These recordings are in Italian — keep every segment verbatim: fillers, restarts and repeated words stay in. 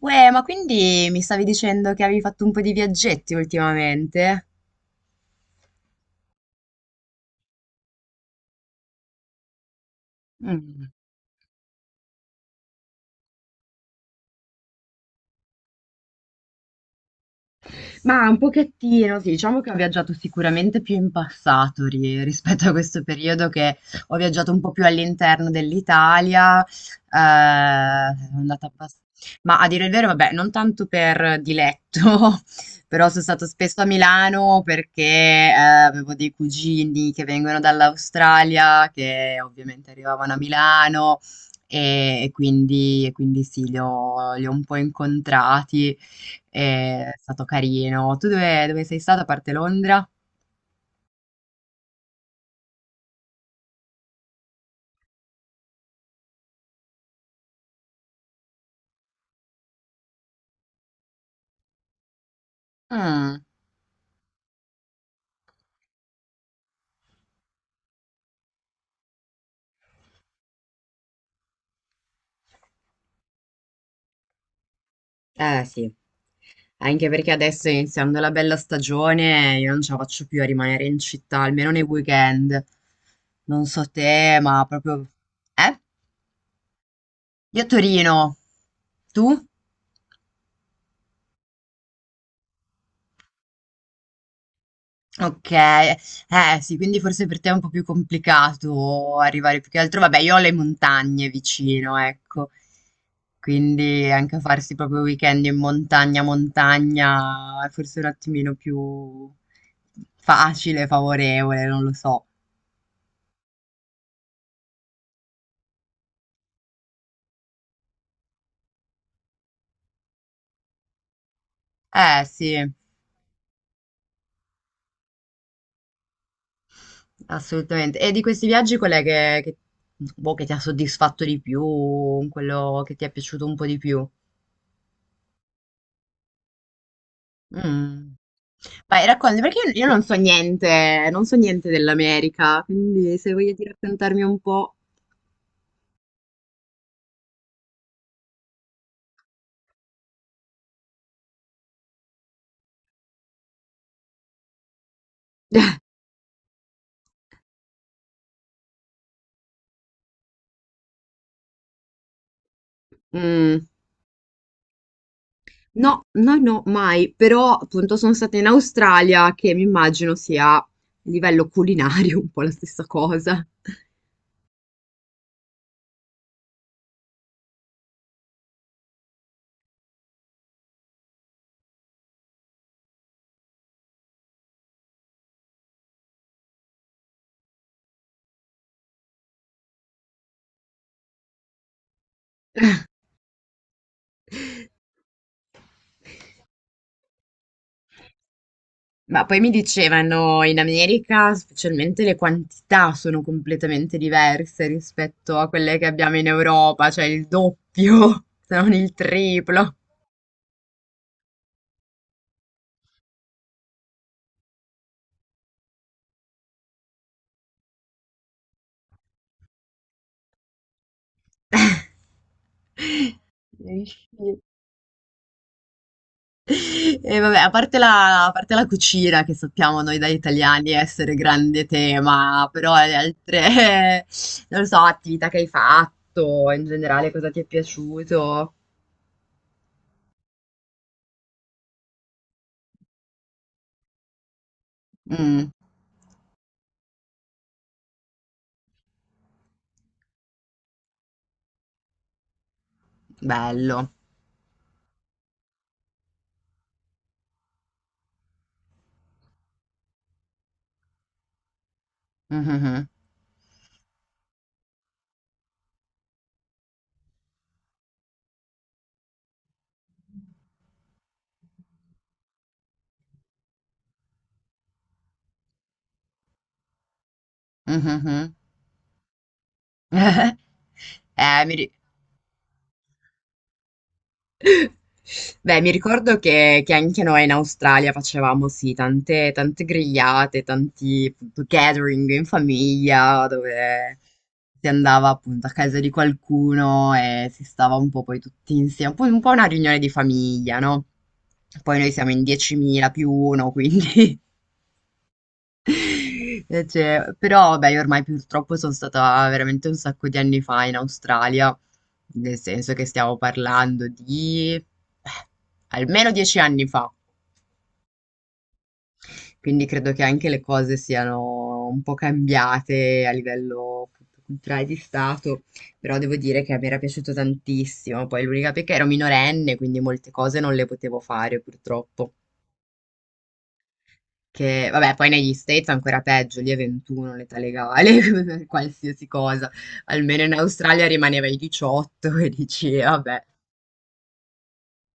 Uè, ma quindi mi stavi dicendo che avevi fatto un po' di viaggetti ultimamente? Mm. Ma un pochettino, sì, diciamo che ho viaggiato sicuramente più in passato ri- rispetto a questo periodo che ho viaggiato un po' più all'interno dell'Italia, eh, sono andata abbast- ma a dire il vero, vabbè, non tanto per diletto, però sono stato spesso a Milano perché eh, avevo dei cugini che vengono dall'Australia, che ovviamente arrivavano a Milano e, e quindi, e quindi sì, li ho li ho un po' incontrati. È stato carino. Tu dove, dove sei stato a parte Londra? Mm. Eh sì, anche perché adesso iniziando la bella stagione io non ce la faccio più a rimanere in città, almeno nei weekend. Non so te, ma proprio. Eh? Io a Torino. Tu? Okay. Eh sì, quindi forse per te è un po' più complicato arrivare più che altro, vabbè, io ho le montagne vicino, ecco. Quindi anche farsi proprio weekend in montagna, montagna è forse un attimino più facile, favorevole, non lo so. Eh sì, assolutamente. E di questi viaggi qual è che, che- boh, che ti ha soddisfatto di più, quello che ti è piaciuto un po' di più? Mm. Vai, racconti, perché io, io non so niente, non so niente dell'America, quindi se voglio raccontarmi un po'. Mm. No, no, no, mai, però appunto sono stata in Australia, che mi immagino sia a livello culinario un po' la stessa cosa. Ma poi mi dicevano in America, specialmente le quantità sono completamente diverse rispetto a quelle che abbiamo in Europa, cioè il doppio, se non il triplo. Riuscì e vabbè, a parte la a parte la cucina che sappiamo noi da italiani essere grande tema, però le altre, non lo so, attività che hai fatto, in generale cosa ti è piaciuto. Mh, bello. Mh-mh-mh. Mh-mh-mh. Eh, mi ri Beh, mi ricordo che, che anche noi in Australia facevamo, sì, tante, tante grigliate, tanti appunto, gathering in famiglia, dove si andava appunto a casa di qualcuno e si stava un po' poi tutti insieme, un po', un po' una riunione di famiglia, no? Poi noi siamo in diecimila più uno, quindi eh, cioè, però vabbè, io ormai purtroppo sono stata veramente un sacco di anni fa in Australia, nel senso che stiamo parlando di eh, almeno dieci anni fa, quindi credo che anche le cose siano un po' cambiate a livello appunto culturale di stato, però devo dire che mi era piaciuto tantissimo, poi l'unica pecca ero minorenne, quindi molte cose non le potevo fare purtroppo. Che vabbè, poi negli States è ancora peggio, lì è ventuno l'età legale, per qualsiasi cosa. Almeno in Australia rimaneva ai diciotto e dici, "Eh, vabbè,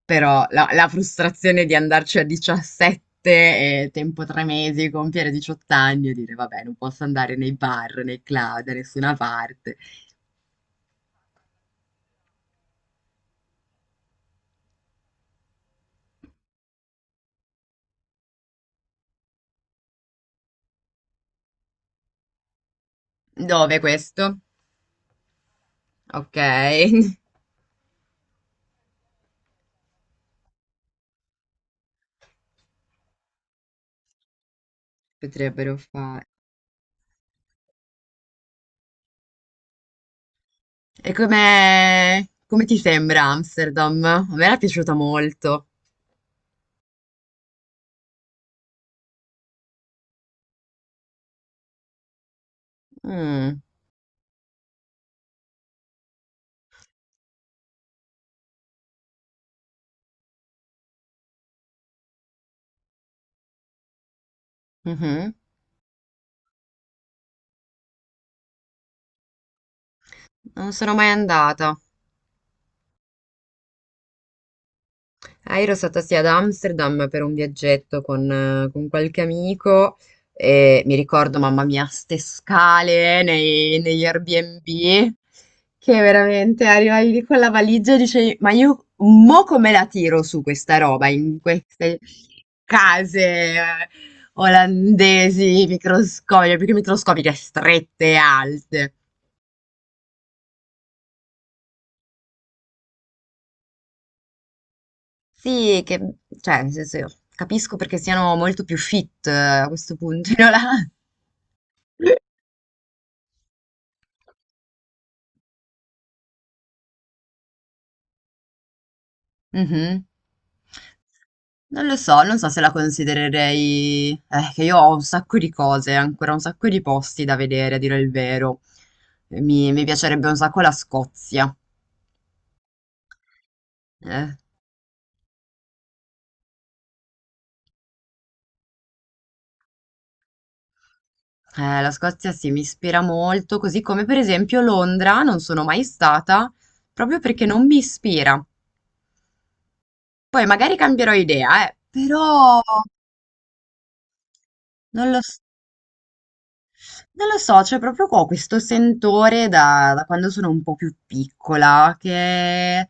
però la, la frustrazione di andarci a diciassette e tempo tre mesi, compiere diciotto anni e dire, vabbè, non posso andare nei bar, nei club, da nessuna parte. Dove questo? Ok, potrebbero fare. E come come ti sembra Amsterdam? A me era piaciuta molto. Mm, mhm. Non sono mai andata. Ah, io ero stata sì ad Amsterdam per un viaggetto con, eh, con qualche amico e mi ricordo, mamma mia, ste scale nei- negli Airbnb che veramente arrivavi lì con la valigia e dicevi, ma io mo come la tiro su questa roba in queste case, eh, olandesi microscopiche, più che microscopiche, strette e alte. Sì, che, cioè, nel senso, io capisco perché siano molto più fit, eh, a questo punto, no? La- Mhm. Non lo so, non so se la considererei, eh, che io ho un sacco di cose, ancora un sacco di posti da vedere, a dire il vero. Mi, mi piacerebbe un sacco la Scozia. Eh. Eh, la Scozia sì, mi ispira molto, così come per esempio Londra, non sono mai stata, proprio perché non mi ispira. Poi magari cambierò idea, eh, però non lo so. Non lo so, cioè proprio qua ho questo sentore da, da quando sono un po' più piccola, che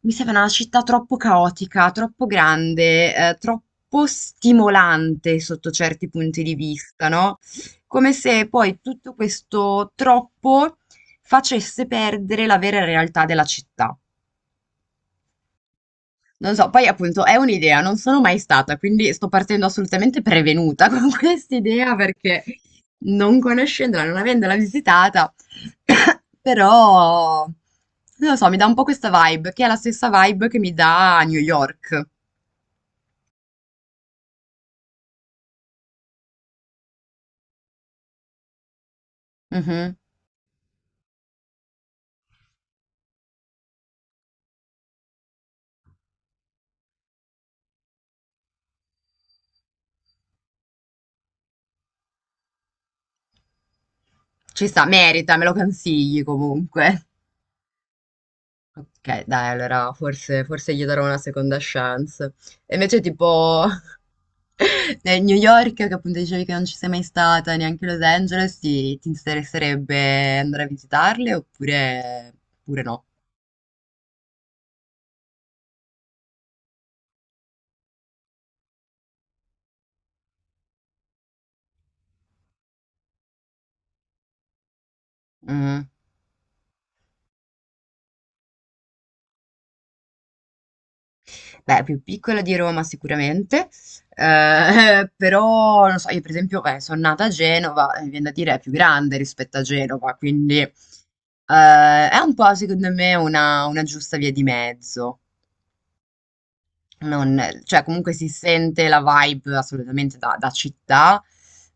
mi sembra una città troppo caotica, troppo grande, eh, troppo stimolante sotto certi punti di vista, no? Come se poi tutto questo troppo facesse perdere la vera realtà della città. Non so, poi appunto è un'idea, non sono mai stata, quindi sto partendo assolutamente prevenuta con quest'idea perché non conoscendola, non avendola visitata, però non lo so, mi dà un po' questa vibe, che è la stessa vibe che mi dà New York. Mhm. Ci sta, merita, me lo consigli comunque. Ok, dai, allora forse, forse gli darò una seconda chance. E invece tipo nel New York, che appunto dicevi che non ci sei mai stata, neanche Los Angeles, ti, ti interesserebbe andare a visitarle oppure, oppure no? Mm. Beh, più piccola di Roma sicuramente, eh, però non so, io per esempio, beh, sono nata a Genova, e mi viene da dire è più grande rispetto a Genova, quindi eh, è un po' secondo me una una giusta via di mezzo. Non, cioè, comunque si sente la vibe assolutamente da, da città,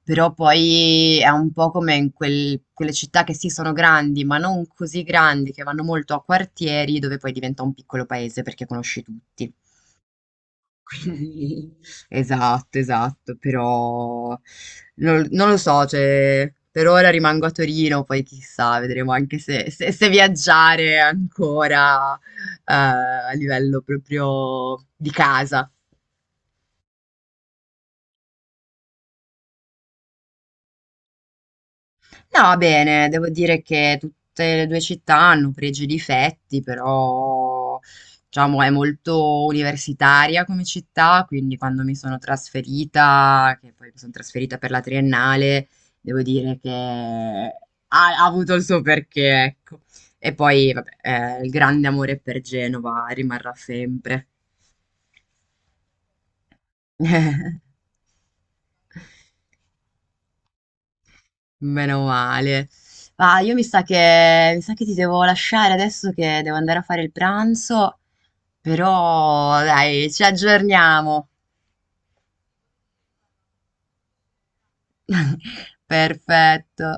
però poi è un po' come in quel- quelle città che sì sono grandi, ma non così grandi, che vanno molto a quartieri, dove poi diventa un piccolo paese perché conosci tutti. Quindi. Esatto, esatto, però non, non lo so, cioè, per ora rimango a Torino, poi chissà, vedremo anche se, se- se viaggiare ancora, eh, a livello proprio di casa. No, bene, devo dire che tutte le due città hanno pregi e difetti, però diciamo è molto universitaria come città, quindi quando mi sono trasferita, che poi mi sono trasferita per la triennale, devo dire che ha, ha avuto il suo perché, ecco. E poi, vabbè, eh, il grande amore per Genova rimarrà sempre. Meno male. Ah, io mi sa che, mi sa che ti devo lasciare adesso che devo andare a fare il pranzo, però dai, ci aggiorniamo. Perfetto.